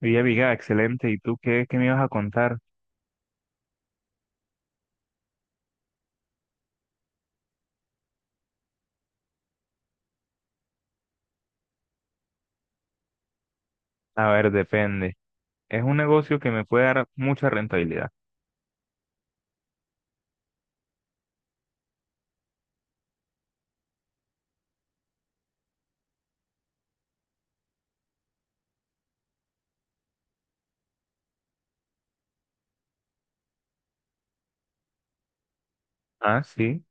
Viga, excelente. ¿Y tú qué, qué me ibas a contar? A ver, depende. Es un negocio que me puede dar mucha rentabilidad. Ah, sí.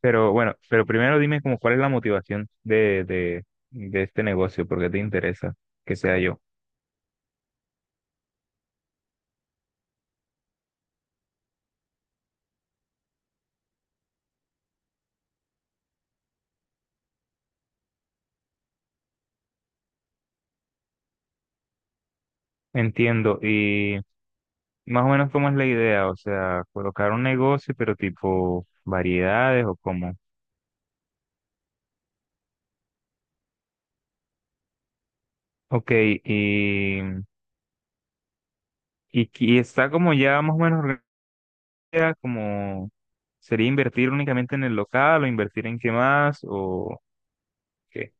Pero bueno, pero primero dime como cuál es la motivación de este negocio, porque te interesa que sea yo. Entiendo. Y más o menos cómo es la idea, o sea, colocar un negocio, pero tipo variedades o cómo. Ok, y está como ya más o menos idea? Como, ¿sería invertir únicamente en el local o invertir en qué más? ¿O qué?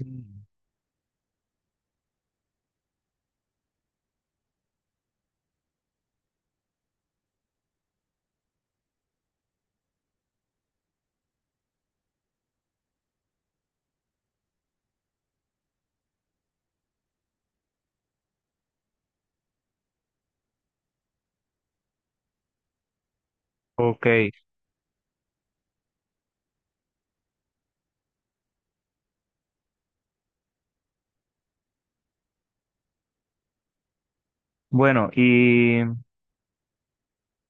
Mm. Ok, bueno,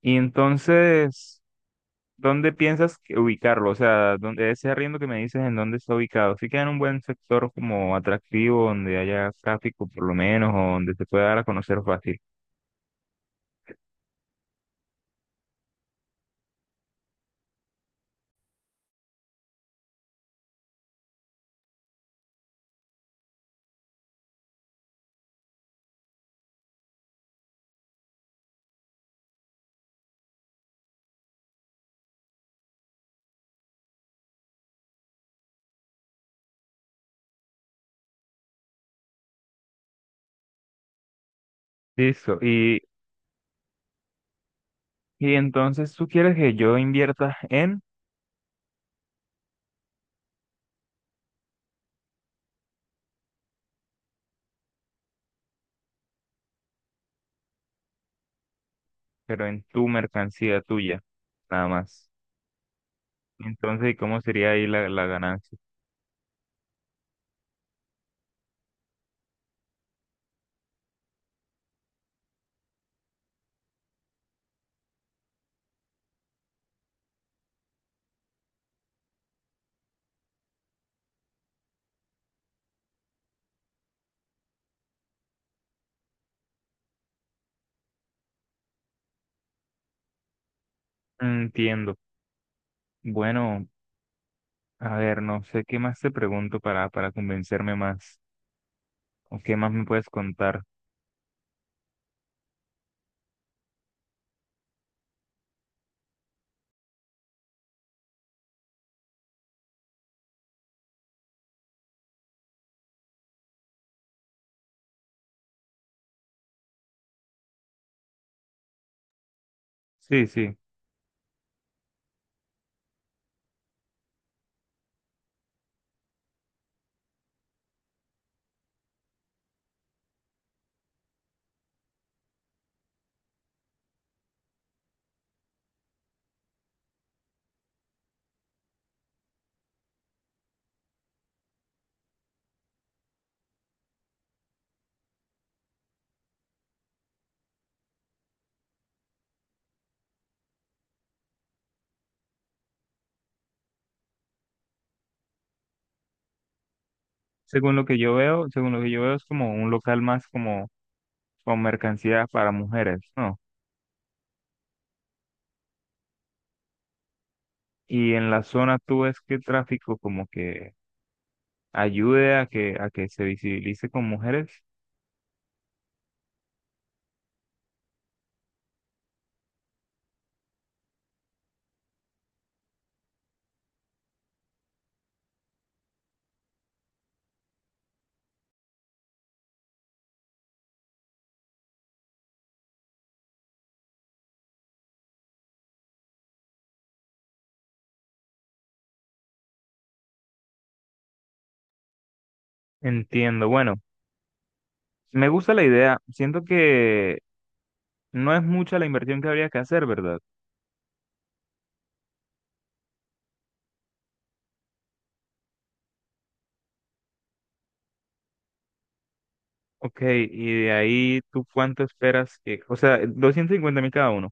y entonces, ¿dónde piensas que ubicarlo? O sea, ¿dónde, ese arriendo que me dices, ¿en dónde está ubicado? ¿Sí queda en un buen sector como atractivo, donde haya tráfico por lo menos, o donde se pueda dar a conocer fácil? Listo, y entonces tú quieres que yo invierta en, pero en tu mercancía tuya, nada más. Entonces, ¿y cómo sería ahí la ganancia? Entiendo. Bueno, a ver, no sé qué más te pregunto para convencerme más, o qué más me puedes contar. Sí, sí. Según lo que yo veo, según lo que yo veo es como un local más como con mercancía para mujeres, ¿no? Y en la zona tú ves que el tráfico como que ayude a que se visibilice con mujeres. Entiendo. Bueno, me gusta la idea. Siento que no es mucha la inversión que habría que hacer, ¿verdad? Ok, y de ahí, ¿tú cuánto esperas que...? O sea, 250.000 cada uno.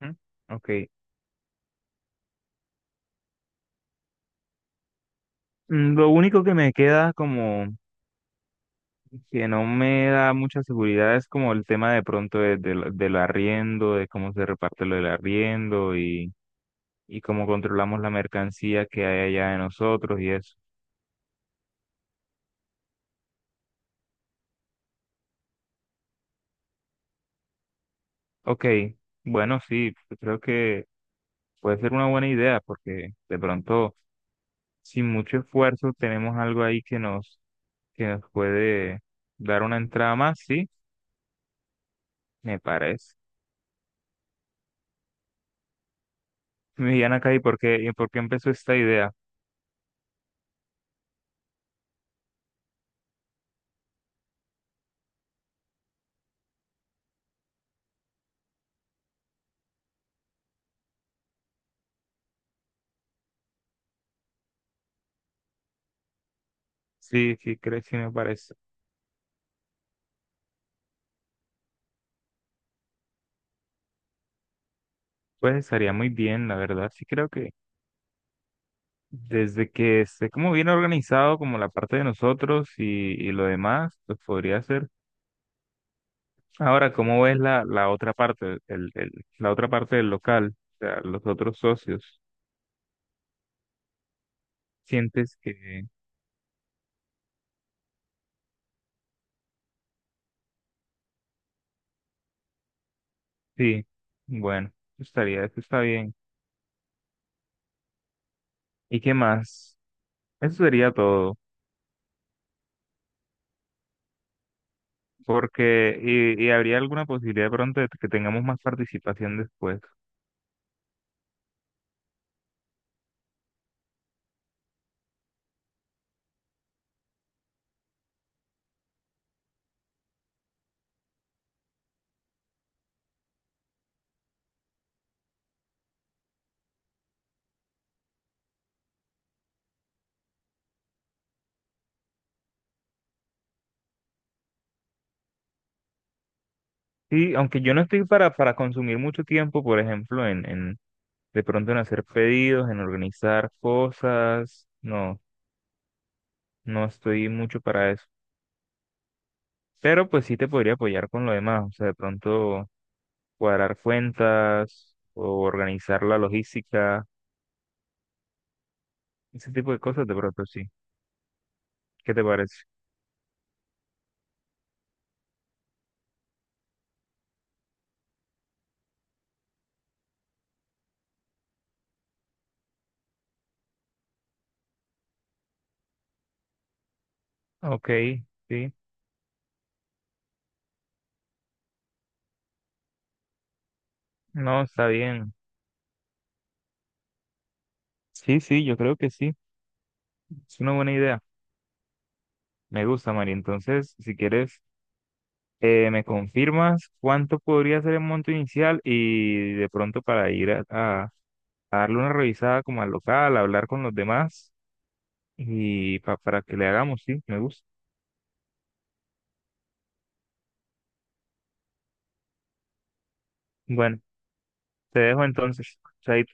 ¿M? Ok. Mm, lo único que me queda como que no me da mucha seguridad es como el tema de pronto del arriendo, de cómo se reparte lo del arriendo y cómo controlamos la mercancía que hay allá de nosotros y eso. Ok, bueno, sí, yo creo que puede ser una buena idea porque de pronto, sin mucho esfuerzo, tenemos algo ahí que nos puede dar una entrada más, sí, me parece. Diana acá, y por qué empezó esta idea? Sí, sí, creo, sí me parece. Pues estaría muy bien, la verdad. Sí creo que desde que esté como bien organizado, como la parte de nosotros y lo demás, pues podría ser. Ahora, ¿cómo ves la otra parte, la otra parte del local, o sea, los otros socios? ¿Sientes que sí? Bueno, eso estaría, eso está bien. ¿Y qué más? Eso sería todo. Porque, y habría alguna posibilidad de pronto de que tengamos más participación después. Sí, aunque yo no estoy para consumir mucho tiempo, por ejemplo, en de pronto en hacer pedidos, en organizar cosas, no, no estoy mucho para eso. Pero pues sí te podría apoyar con lo demás, o sea, de pronto cuadrar cuentas o organizar la logística, ese tipo de cosas de pronto sí. ¿Qué te parece? Ok, sí, no, está bien. Sí, sí, yo creo que sí, es una buena idea. Me gusta, María. Entonces, si quieres, me confirmas cuánto podría ser el monto inicial y de pronto para ir a darle una revisada como al local, hablar con los demás y para que le hagamos, sí, me gusta. Bueno, te dejo entonces. Chaito.